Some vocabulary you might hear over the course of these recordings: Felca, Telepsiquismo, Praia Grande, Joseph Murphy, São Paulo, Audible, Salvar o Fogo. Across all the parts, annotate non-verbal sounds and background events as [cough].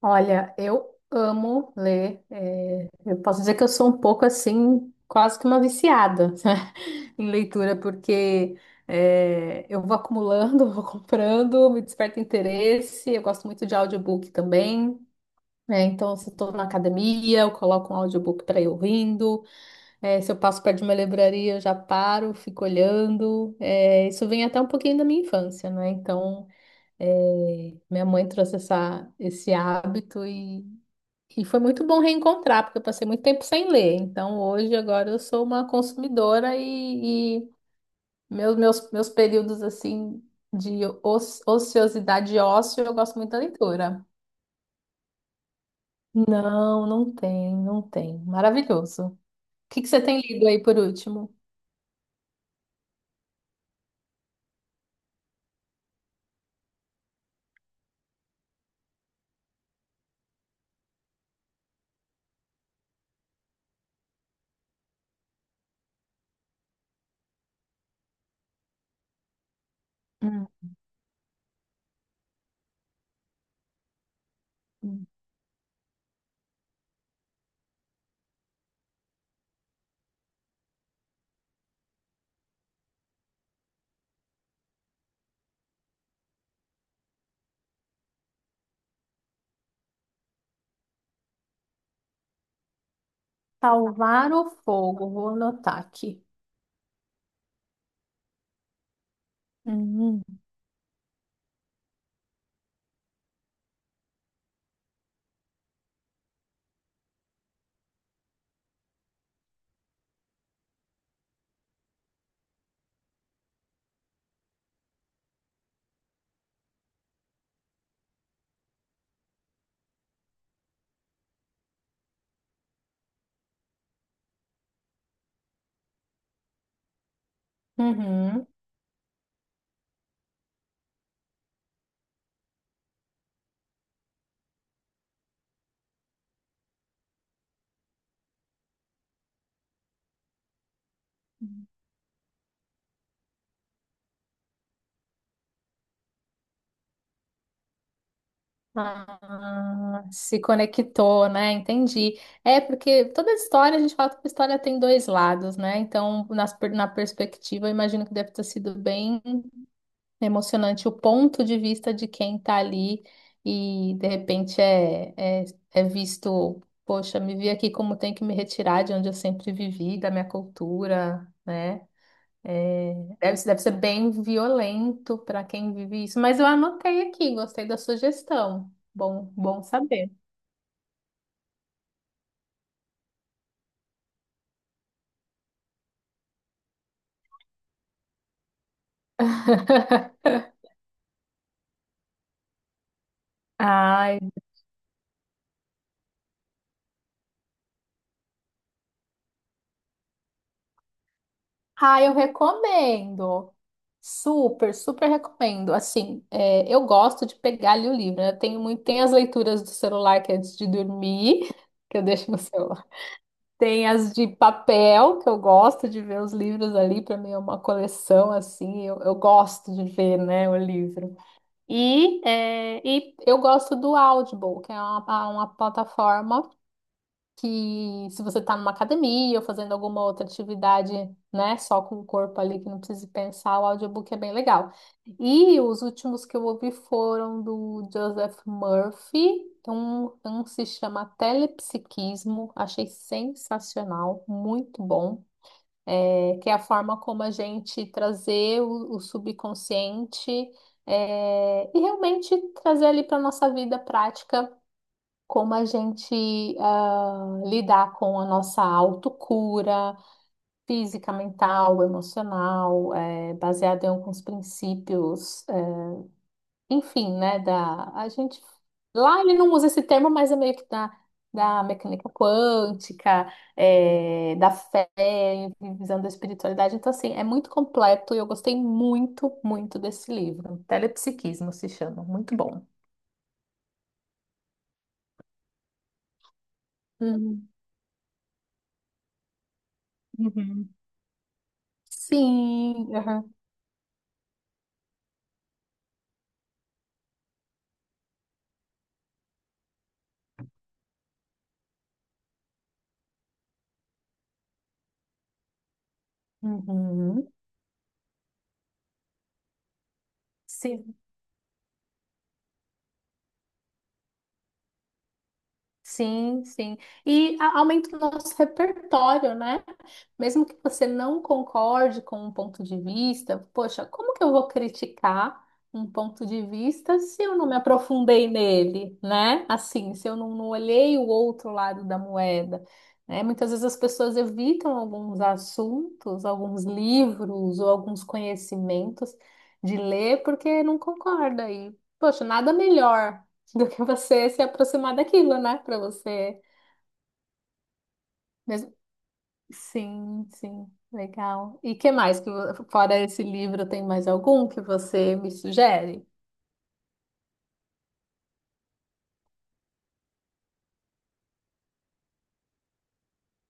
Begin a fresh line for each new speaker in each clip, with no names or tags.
Olha, eu amo ler. Eu posso dizer que eu sou um pouco assim, quase que uma viciada [laughs] em leitura, porque eu vou acumulando, [laughs] vou comprando, me desperta interesse. Eu gosto muito de audiobook também, né? Então, se eu estou na academia, eu coloco um audiobook para ir ouvindo. Se eu passo perto de uma livraria, eu já paro, fico olhando. Isso vem até um pouquinho da minha infância, né? Então, minha mãe trouxe esse hábito e foi muito bom reencontrar, porque eu passei muito tempo sem ler. Então, hoje, agora, eu sou uma consumidora e meus períodos, assim, de ociosidade e ócio, eu gosto muito da leitura. Não, não tem, não tem. Maravilhoso. O que que você tem lido aí por último? Hum. Salvar o Fogo, vou anotar aqui. Uhum. Uhum. Ah, se conectou, né? Entendi. É porque toda história, a gente fala que toda história tem dois lados, né? Então, na perspectiva, eu imagino que deve ter sido bem emocionante o ponto de vista de quem tá ali e de repente é, é visto, poxa, me vi aqui como tenho que me retirar de onde eu sempre vivi, da minha cultura, né? É, deve ser bem violento para quem vive isso, mas eu anotei aqui, gostei da sugestão. Bom, bom saber. [laughs] Ai, ai eu recomendo. Super, super recomendo. Assim, eu gosto de pegar ali o livro, né? Eu tenho muito, tem as leituras do celular que é antes de dormir, [laughs] que eu deixo no celular. Tem as de papel, que eu gosto de ver os livros ali, para mim é uma coleção assim, eu gosto de ver, né, o livro. E eu gosto do Audible, que é uma plataforma que, se você está numa academia ou fazendo alguma outra atividade, né, só com o corpo ali, que não precise pensar, o audiobook é bem legal. E os últimos que eu ouvi foram do Joseph Murphy, um se chama Telepsiquismo, achei sensacional, muito bom, que é a forma como a gente trazer o subconsciente, e realmente trazer ali para a nossa vida prática como a gente ah, lidar com a nossa autocura física, mental, emocional, é, baseado em alguns princípios, enfim, né, da a gente, lá ele não usa esse termo, mas é meio que da mecânica quântica, é, da fé, visão da espiritualidade. Então, assim, é muito completo e eu gostei muito, muito desse livro. Telepsiquismo se chama, muito bom. Uhum. Uhum. Sim, aham, uhum. Sim. Sim, sim. Aumenta o nosso repertório, né? Mesmo que você não concorde com um ponto de vista, poxa, como que eu vou criticar um ponto de vista se eu não me aprofundei nele, né? Assim, se eu não, não olhei o outro lado da moeda, né? Muitas vezes as pessoas evitam alguns assuntos, alguns livros ou alguns conhecimentos de ler porque não concorda. E, poxa, nada melhor do que você se aproximar daquilo, né? Para você mesmo. Sim, sim, legal. E que mais que fora esse livro tem mais algum que você me sugere?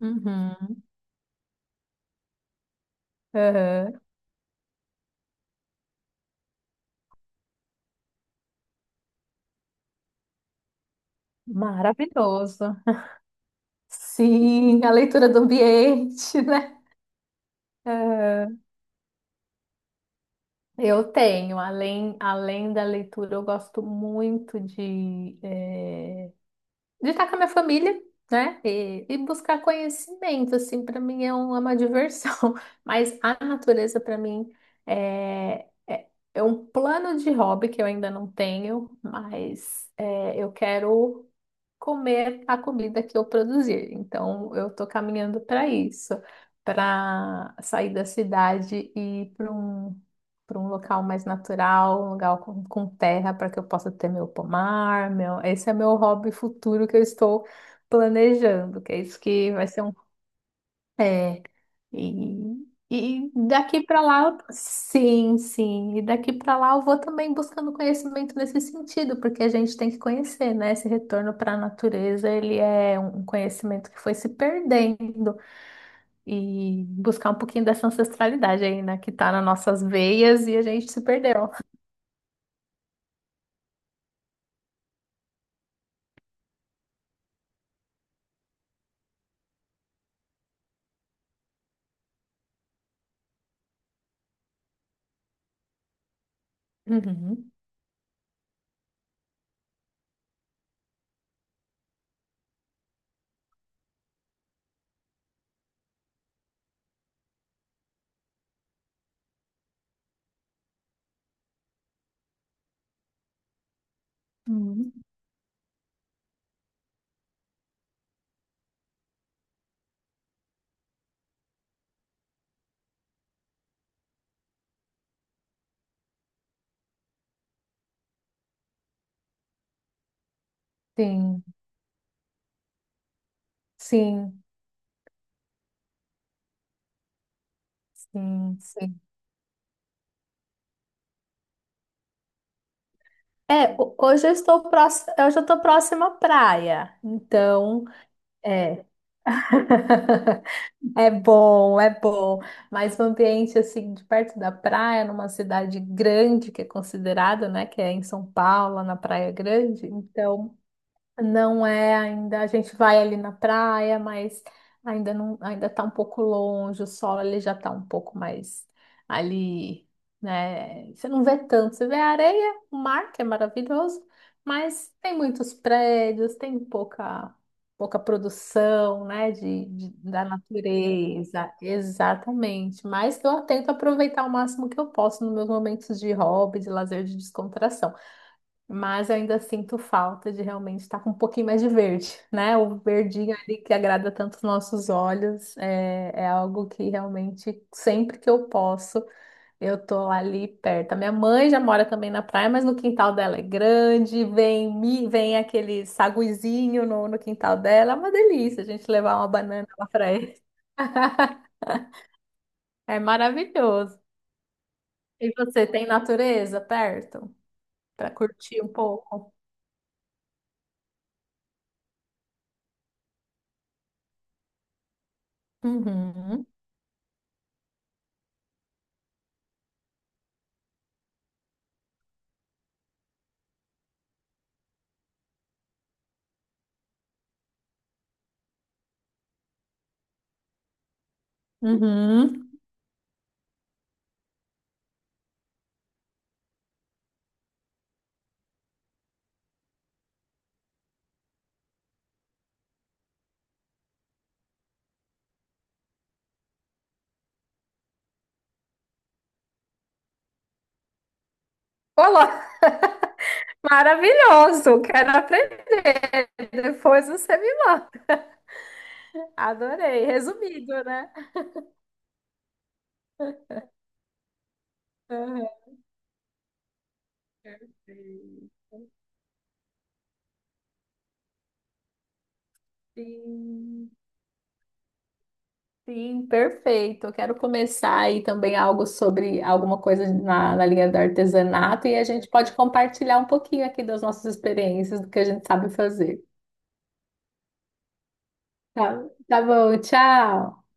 Uhum, uhum. Maravilhoso. Sim, a leitura do ambiente, né? Aham. Eu tenho, além, além da leitura, eu gosto muito de estar com a minha família, né? E buscar conhecimento, assim, para mim é uma diversão. [laughs] Mas a natureza, para mim, é, é, é um plano de hobby que eu ainda não tenho, mas é, eu quero comer a comida que eu produzir. Então, eu estou caminhando para isso, para sair da cidade e ir para para um local mais natural, um lugar com terra, para que eu possa ter meu pomar. Meu... Esse é meu hobby futuro que eu estou planejando, que é isso que vai ser um. É, e daqui para lá, sim, sim. E daqui para lá eu vou também buscando conhecimento nesse sentido, porque a gente tem que conhecer, né? Esse retorno para a natureza, ele é um conhecimento que foi se perdendo, e buscar um pouquinho dessa ancestralidade aí, né? Que tá nas nossas veias e a gente se perdeu. Uhum. Uhum. Sim, sim, sim, sim. É, hoje eu estou próxima, eu já estou próxima à praia, então é. [laughs] É bom, mas um ambiente assim de perto da praia, numa cidade grande que é considerada, né, que é em São Paulo, na Praia Grande, então não é ainda, a gente vai ali na praia, mas ainda não, ainda tá um pouco longe, o sol ele já tá um pouco mais ali, né? Você não vê tanto, você vê a areia, o mar, que é maravilhoso, mas tem muitos prédios, tem pouca produção, né, da natureza, exatamente. Mas eu tento aproveitar o máximo que eu posso nos meus momentos de hobby, de lazer, de descontração. Mas eu ainda sinto falta de realmente estar com um pouquinho mais de verde, né? O verdinho ali que agrada tanto os nossos olhos é algo que realmente sempre que eu posso eu tô ali perto. A minha mãe já mora também na praia, mas no quintal dela é grande, vem vem aquele saguizinho no quintal dela, é uma delícia a gente levar uma banana lá pra ele. [laughs] É maravilhoso. E você tem natureza perto para curtir um pouco? Uhum. Uhum. Olá, [laughs] maravilhoso, quero aprender. Depois você me manda. Adorei, resumido, né? Aham. Perfeito. Sim, sim, perfeito. Eu quero começar aí também algo sobre alguma coisa na linha do artesanato e a gente pode compartilhar um pouquinho aqui das nossas experiências, do que a gente sabe fazer. Tá, tá bom, tchau.